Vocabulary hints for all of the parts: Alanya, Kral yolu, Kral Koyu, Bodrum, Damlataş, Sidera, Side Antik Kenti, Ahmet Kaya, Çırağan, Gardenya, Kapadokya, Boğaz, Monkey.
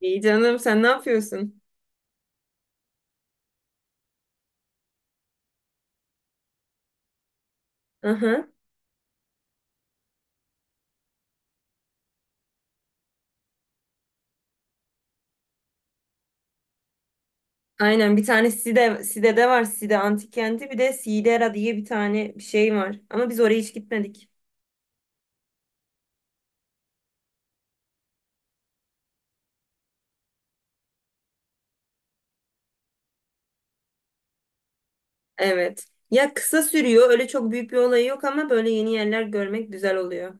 İyi canım, sen ne yapıyorsun? Aha. Aynen, bir tane Side, Side'de var. Side Antik Kenti, bir de Sidera diye bir tane bir şey var. Ama biz oraya hiç gitmedik. Evet. Ya kısa sürüyor. Öyle çok büyük bir olayı yok ama böyle yeni yerler görmek güzel oluyor.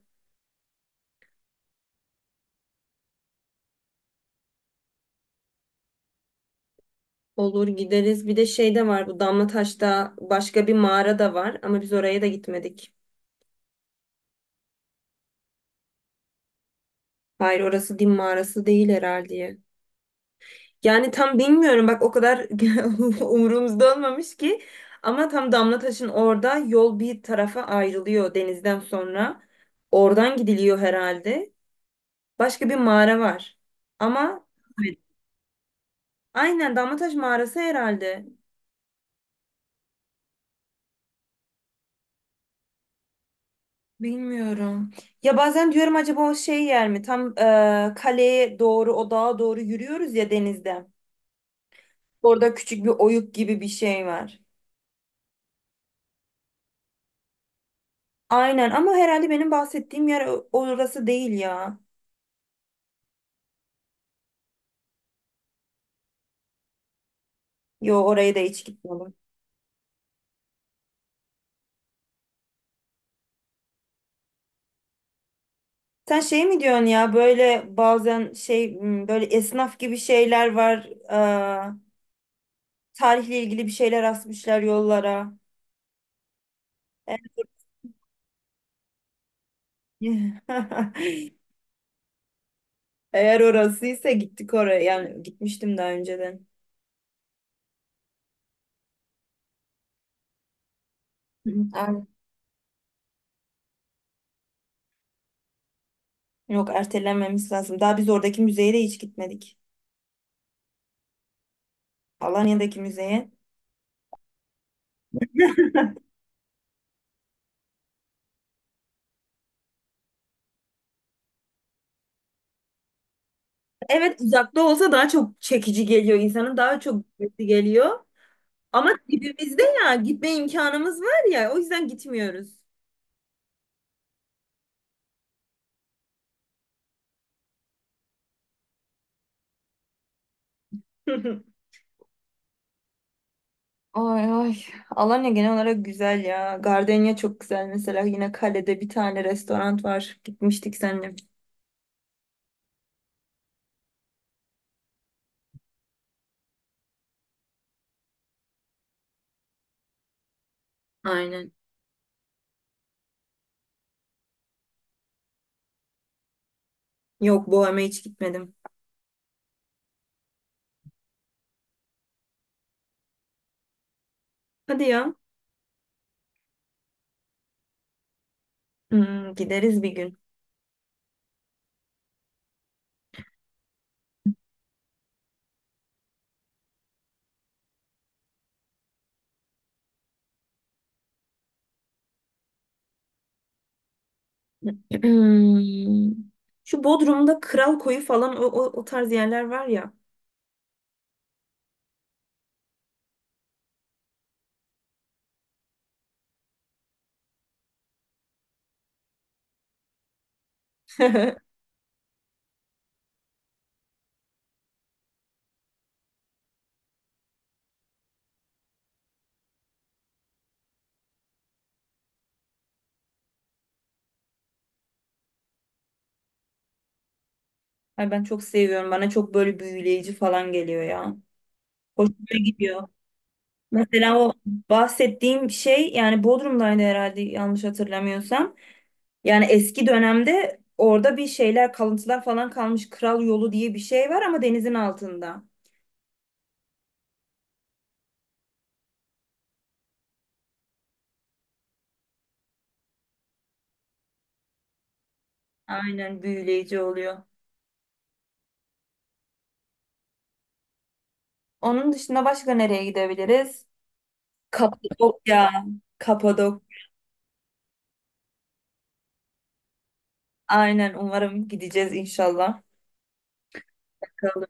Olur, gideriz. Bir de şey de var. Bu Damlataş'ta başka bir mağara da var. Ama biz oraya da gitmedik. Hayır, orası din mağarası değil herhalde. Yani tam bilmiyorum bak, o kadar umurumuzda olmamış ki, ama tam Damlataş'ın orada yol bir tarafa ayrılıyor denizden sonra. Oradan gidiliyor herhalde. Başka bir mağara var. Ama evet, aynen Damlataş mağarası herhalde. Bilmiyorum. Ya bazen diyorum acaba o şey yer mi? Tam kaleye doğru o dağa doğru yürüyoruz ya, denizde. Orada küçük bir oyuk gibi bir şey var. Aynen ama herhalde benim bahsettiğim yer orası değil ya. Yo, oraya da hiç gitmedim. Sen şey mi diyorsun ya, böyle bazen böyle esnaf gibi şeyler var. Aa, tarihle ilgili bir şeyler asmışlar yollara. Eğer, Eğer orasıysa gittik oraya. Yani gitmiştim daha önceden. Hı, aynen. Yok, ertelenmemiz lazım. Daha biz oradaki müzeye de hiç gitmedik. Alanya'daki müzeye. Evet, uzakta olsa daha çok çekici geliyor insanın, daha çok gitmesi geliyor. Ama dibimizde ya, gitme imkanımız var ya, o yüzden gitmiyoruz. Ay ay. Alanya genel olarak güzel ya. Gardenya çok güzel mesela. Yine kalede bir tane restoran var. Gitmiştik seninle. Aynen. Yok, Bohem'e hiç gitmedim. Hadi ya. Hmm, gideriz bir gün. Şu Bodrum'da Kral Koyu falan, o tarz yerler var ya. Ay ben çok seviyorum. Bana çok böyle büyüleyici falan geliyor ya. Hoşuma gidiyor. Mesela o bahsettiğim şey yani Bodrum'daydı herhalde, yanlış hatırlamıyorsam. Yani eski dönemde orada bir şeyler, kalıntılar falan kalmış. Kral yolu diye bir şey var ama denizin altında. Aynen, büyüleyici oluyor. Onun dışında başka nereye gidebiliriz? Kapadokya. Kapadok. Aynen, umarım gideceğiz inşallah. Bakalım.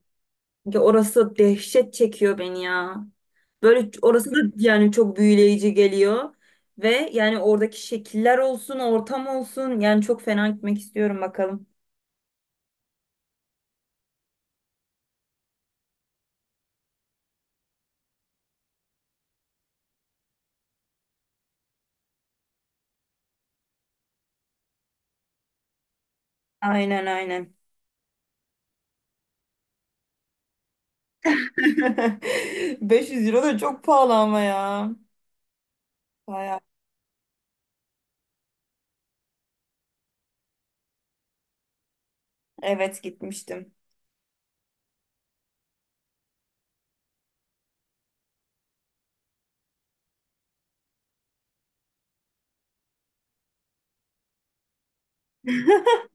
Çünkü orası dehşet çekiyor beni ya. Böyle orası da yani çok büyüleyici geliyor. Ve yani oradaki şekiller olsun, ortam olsun. Yani çok fena gitmek istiyorum, bakalım. Aynen aynen. 500 euro da çok pahalı ama ya. Bayağı. Evet, gitmiştim.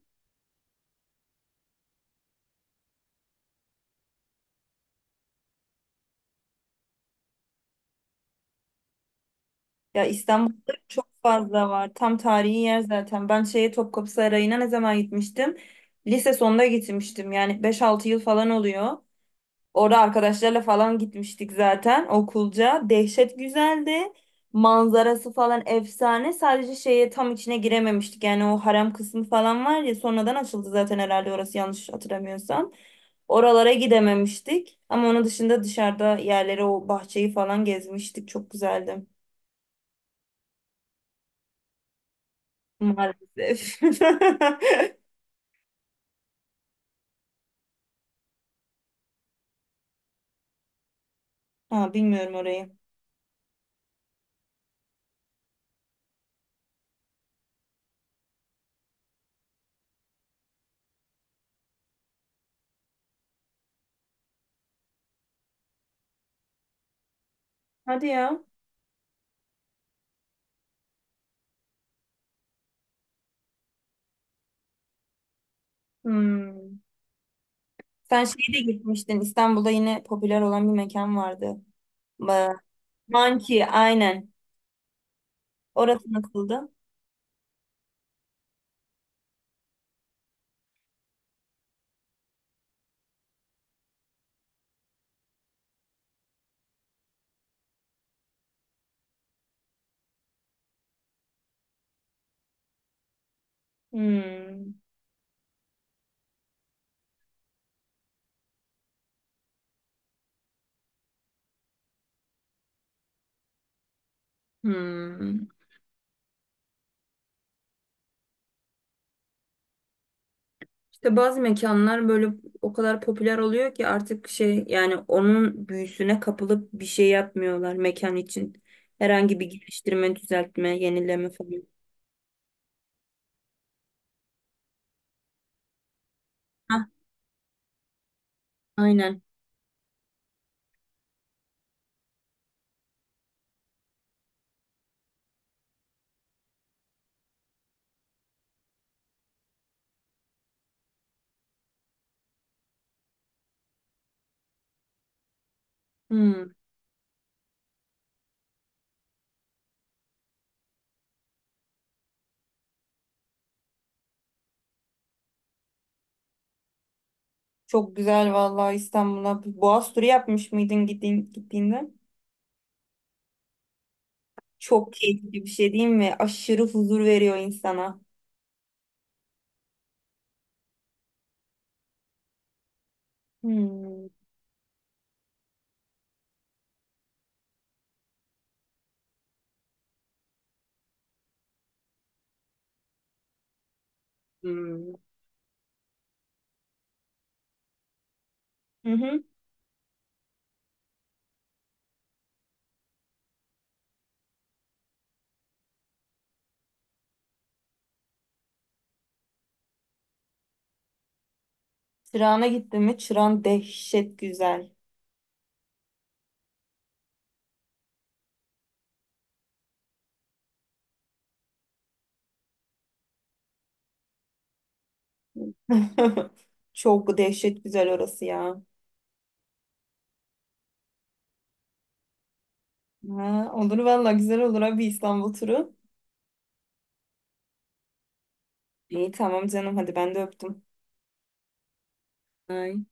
Ya İstanbul'da çok fazla var. Tam tarihi yer zaten. Ben şeye Topkapı Sarayı'na ne zaman gitmiştim? Lise sonunda gitmiştim. Yani 5-6 yıl falan oluyor. Orada arkadaşlarla falan gitmiştik zaten okulca. Dehşet güzeldi. Manzarası falan efsane. Sadece şeye tam içine girememiştik. Yani o harem kısmı falan var ya, sonradan açıldı zaten herhalde orası, yanlış hatırlamıyorsam. Oralara gidememiştik. Ama onun dışında dışarıda yerleri, o bahçeyi falan gezmiştik. Çok güzeldi. Maalesef. Ha, bilmiyorum orayı. Hadi ya. Hmm. Sen şeye de gitmiştin. İstanbul'da yine popüler olan bir mekan vardı. Monkey, aynen. Orası nasıldı? Hmm. Hmm. İşte bazı mekanlar böyle o kadar popüler oluyor ki artık şey yani, onun büyüsüne kapılıp bir şey yapmıyorlar mekan için. Herhangi bir geliştirme, düzeltme, yenileme falan. Hah, aynen. Hmm. Çok güzel vallahi İstanbul'a. Bir Boğaz turu yapmış mıydın gittiğin, gittiğinde? Çok keyifli bir şey değil mi? Aşırı huzur veriyor insana. Hmm. Hmm. Hı hı. Çırağan'a gittin mi? Çırağan dehşet güzel. Çok dehşet güzel orası ya. Ha, olur valla, güzel olur abi, İstanbul turu. İyi tamam canım, hadi ben de öptüm. Ay.